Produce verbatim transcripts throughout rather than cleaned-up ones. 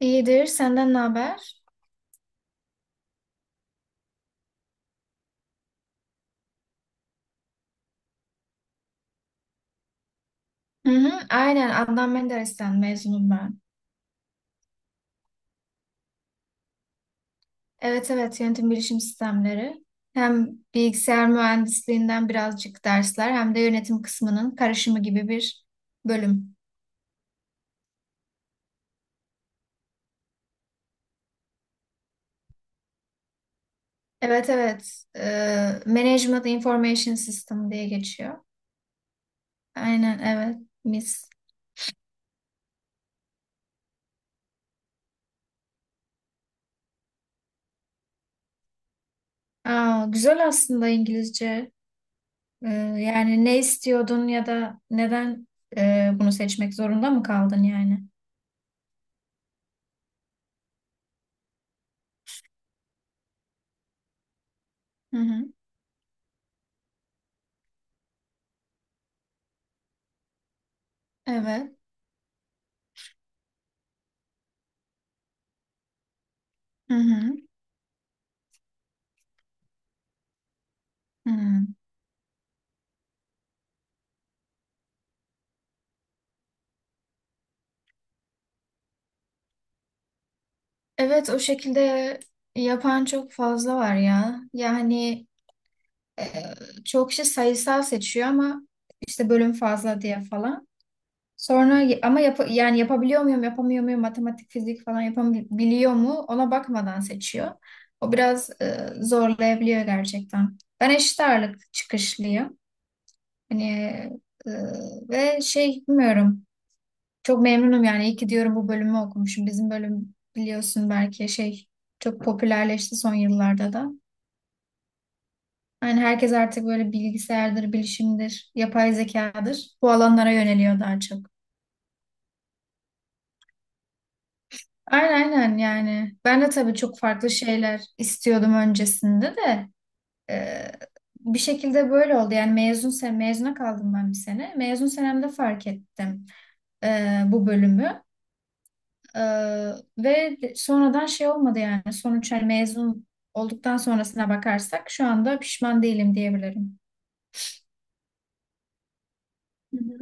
İyidir. Senden ne haber? Hı hı, aynen. Adnan Menderes'ten mezunum ben. Evet evet yönetim bilişim sistemleri. Hem bilgisayar mühendisliğinden birazcık dersler hem de yönetim kısmının karışımı gibi bir bölüm. Evet evet. Ee, Management Information System diye geçiyor. Aynen evet. Mis. Aa, güzel aslında İngilizce. Ee, Yani ne istiyordun ya da neden e, bunu seçmek zorunda mı kaldın yani? Hı hı. Evet. Hı hı. Hmm. Evet, o şekilde yapan çok fazla var ya. Yani e, çok kişi sayısal seçiyor ama işte bölüm fazla diye falan. Sonra ama yap yani yapabiliyor muyum, yapamıyor muyum, matematik, fizik falan yapabiliyor mu ona bakmadan seçiyor. O biraz e, zorlayabiliyor gerçekten. Ben eşit ağırlık çıkışlıyım. Hani e, ve şey bilmiyorum. Çok memnunum yani. İyi ki diyorum bu bölümü okumuşum. Bizim bölüm biliyorsun belki şey çok popülerleşti son yıllarda da. Yani herkes artık böyle bilgisayardır, bilişimdir, yapay zekadır. Bu alanlara yöneliyor daha çok. Aynen aynen yani. Ben de tabii çok farklı şeyler istiyordum öncesinde de. e, Bir şekilde böyle oldu. Yani mezun sen mezuna kaldım ben bir sene. Mezun senemde fark ettim e, bu bölümü. Ee, Ve sonradan şey olmadı yani sonuç, hani mezun olduktan sonrasına bakarsak şu anda pişman değilim diyebilirim. Hı hı.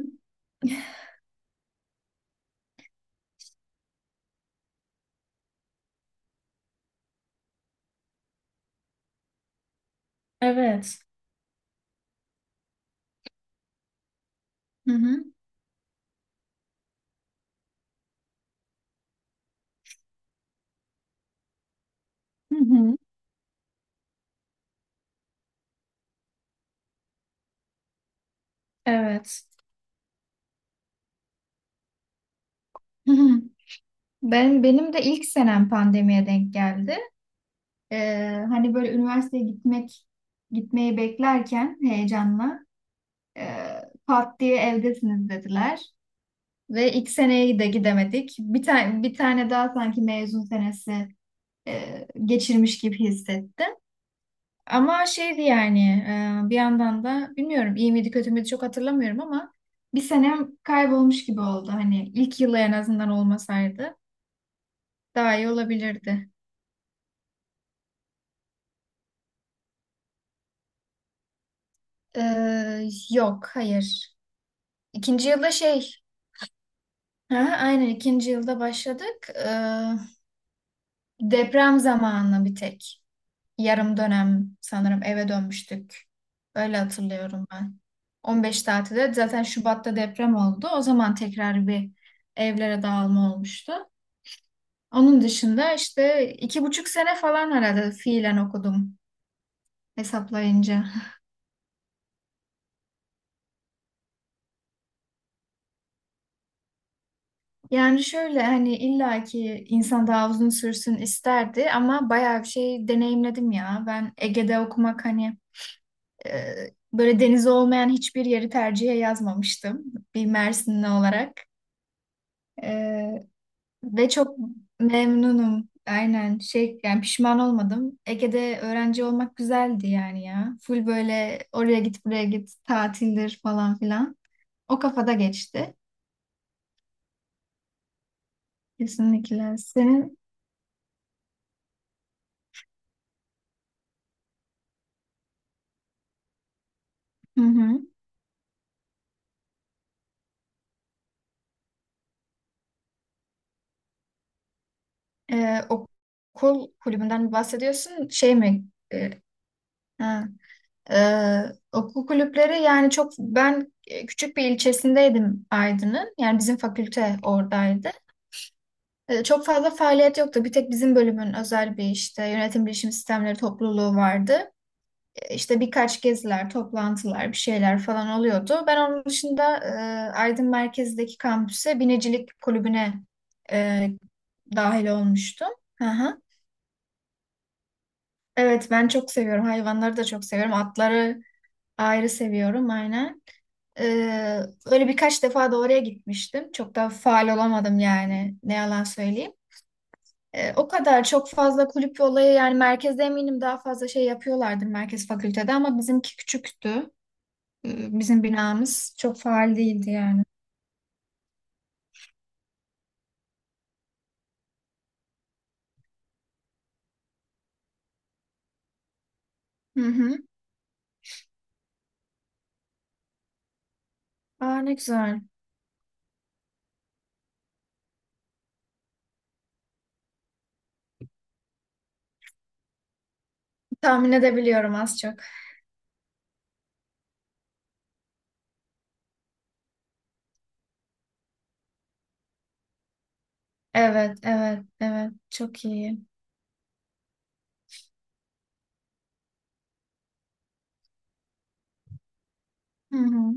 Evet. Hı hı. Hı hı. Evet. Hı hı. Ben benim de ilk senem pandemiye denk geldi. Ee, hani böyle üniversiteye gitmek gitmeyi beklerken heyecanla e, pat diye evdesiniz dediler ve ilk seneyi de gidemedik. Bir tane bir tane daha sanki mezun senesi e, geçirmiş gibi hissettim. Ama şeydi yani e, bir yandan da bilmiyorum iyi miydi kötü müydü çok hatırlamıyorum ama bir senem kaybolmuş gibi oldu. Hani ilk yılı en azından olmasaydı daha iyi olabilirdi. Ee, yok, hayır. İkinci yılda şey, ha, aynen ikinci yılda başladık. Ee, deprem zamanı bir tek yarım dönem sanırım eve dönmüştük. Öyle hatırlıyorum ben. on beş tatilde zaten Şubat'ta deprem oldu. O zaman tekrar bir evlere dağılma olmuştu. Onun dışında işte iki buçuk sene falan herhalde fiilen okudum hesaplayınca. Yani şöyle, hani illaki insan daha uzun sürsün isterdi ama bayağı bir şey deneyimledim ya. Ben Ege'de okumak hani e, böyle denizi olmayan hiçbir yeri tercihe yazmamıştım bir Mersinli olarak. E, Ve çok memnunum. Aynen, şey yani pişman olmadım. Ege'de öğrenci olmak güzeldi yani ya. Full böyle oraya git buraya git tatildir falan filan. O kafada geçti. Kesinlikle. Senin hı hı. Ee, okul kulübünden mi bahsediyorsun? Şey mi? Ee, ha. Ee, Okul kulüpleri yani çok ben e, küçük bir ilçesindeydim Aydın'ın. Yani bizim fakülte oradaydı. E, çok fazla faaliyet yoktu. Bir tek bizim bölümün özel bir işte yönetim bilişim sistemleri topluluğu vardı. E, İşte birkaç geziler, toplantılar, bir şeyler falan oluyordu. Ben onun dışında e, Aydın merkezdeki kampüse binicilik kulübüne e, dahil olmuştum. Hı hı. Evet, ben çok seviyorum. Hayvanları da çok seviyorum. Atları ayrı seviyorum, aynen. Ee, Öyle birkaç defa da oraya gitmiştim. Çok da faal olamadım yani. Ne yalan söyleyeyim. E, o kadar çok fazla kulüp ve olayı yani, merkezde eminim daha fazla şey yapıyorlardır merkez fakültede ama bizimki küçüktü. E, bizim binamız çok faal değildi yani. Hı hı. Aa, ne güzel. Tahmin edebiliyorum az çok. Evet, evet, evet. Çok iyi. Hı hı.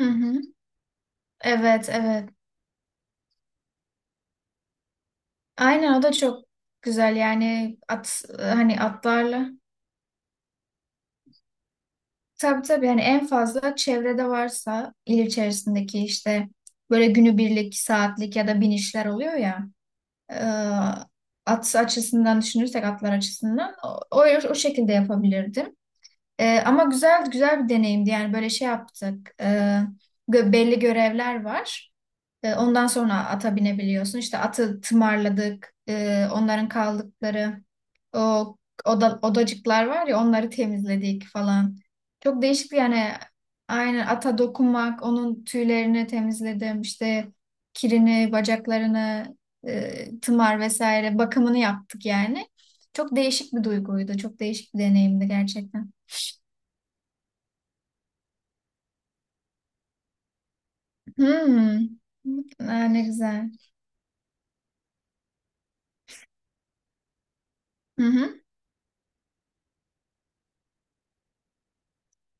Hı hı. Evet, evet. Aynen, o da çok güzel yani at, hani atlarla. Tabii tabii yani en fazla çevrede varsa il içerisindeki işte böyle günübirlik, saatlik ya da binişler oluyor ya. e, At açısından düşünürsek atlar açısından o, o, o şekilde yapabilirdim. E, ama güzel güzel bir deneyimdi yani böyle şey yaptık. E, gö- belli görevler var. E, ondan sonra ata binebiliyorsun. İşte atı tımarladık. E, onların kaldıkları o oda, odacıklar var ya, onları temizledik falan. Çok değişik yani, aynen ata dokunmak, onun tüylerini temizledim, işte kirini, bacaklarını, e, tımar vesaire bakımını yaptık yani. Çok değişik bir duyguydu. Çok değişik bir deneyimdi gerçekten. Hmm. Aa, ne güzel. Hı hı.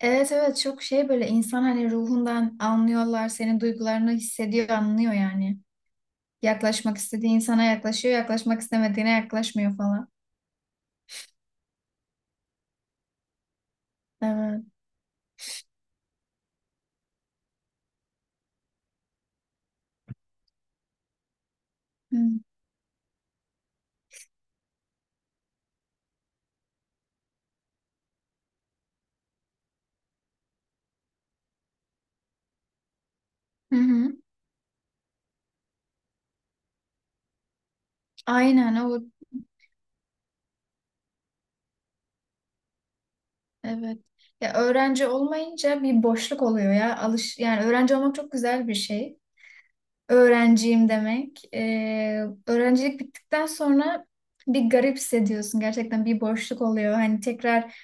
Evet, evet, çok şey, böyle insan hani ruhundan anlıyorlar, senin duygularını hissediyor, anlıyor yani. Yaklaşmak istediği insana yaklaşıyor, yaklaşmak istemediğine yaklaşmıyor falan. Evet. Hı hı. hı. Aynen, o evet. Ya öğrenci olmayınca bir boşluk oluyor ya. Alış yani öğrenci olmak çok güzel bir şey. Öğrenciyim demek. Ee, öğrencilik bittikten sonra bir garip hissediyorsun. Gerçekten bir boşluk oluyor. Hani tekrar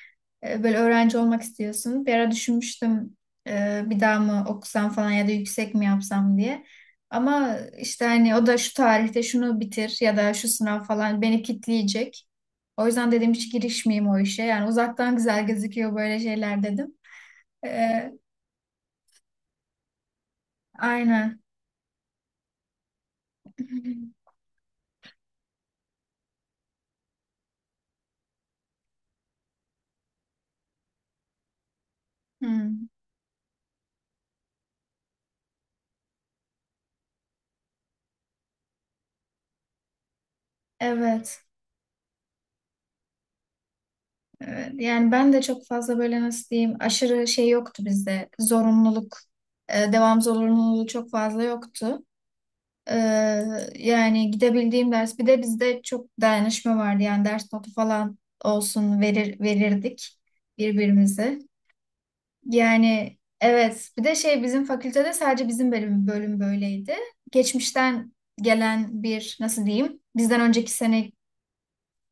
e, böyle öğrenci olmak istiyorsun. Bir ara düşünmüştüm e, bir daha mı okusam falan ya da yüksek mi yapsam diye. Ama işte hani o da şu tarihte şunu bitir ya da şu sınav falan beni kitleyecek. O yüzden dedim hiç girişmeyeyim o işe. Yani uzaktan güzel gözüküyor böyle şeyler dedim. Ee, aynen. Hmm, evet. Evet, yani ben de çok fazla böyle nasıl diyeyim aşırı şey yoktu bizde. Zorunluluk, e, devam zorunluluğu çok fazla yoktu. Ee, Yani gidebildiğim ders, bir de bizde çok dayanışma vardı. Yani ders notu falan olsun verir verirdik birbirimize. Yani evet, bir de şey bizim fakültede sadece bizim bölüm bölüm böyleydi. Geçmişten gelen bir nasıl diyeyim bizden önceki sene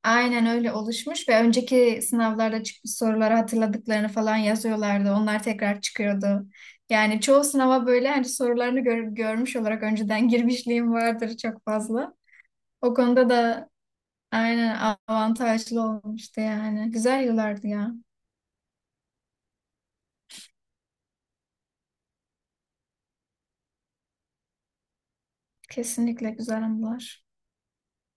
aynen öyle oluşmuş ve önceki sınavlarda çıkmış soruları hatırladıklarını falan yazıyorlardı. Onlar tekrar çıkıyordu. Yani çoğu sınava böyle hani sorularını gör- görmüş olarak önceden girmişliğim vardır çok fazla. O konuda da aynen avantajlı olmuştu yani. Güzel yıllardı ya. Kesinlikle güzel anılar.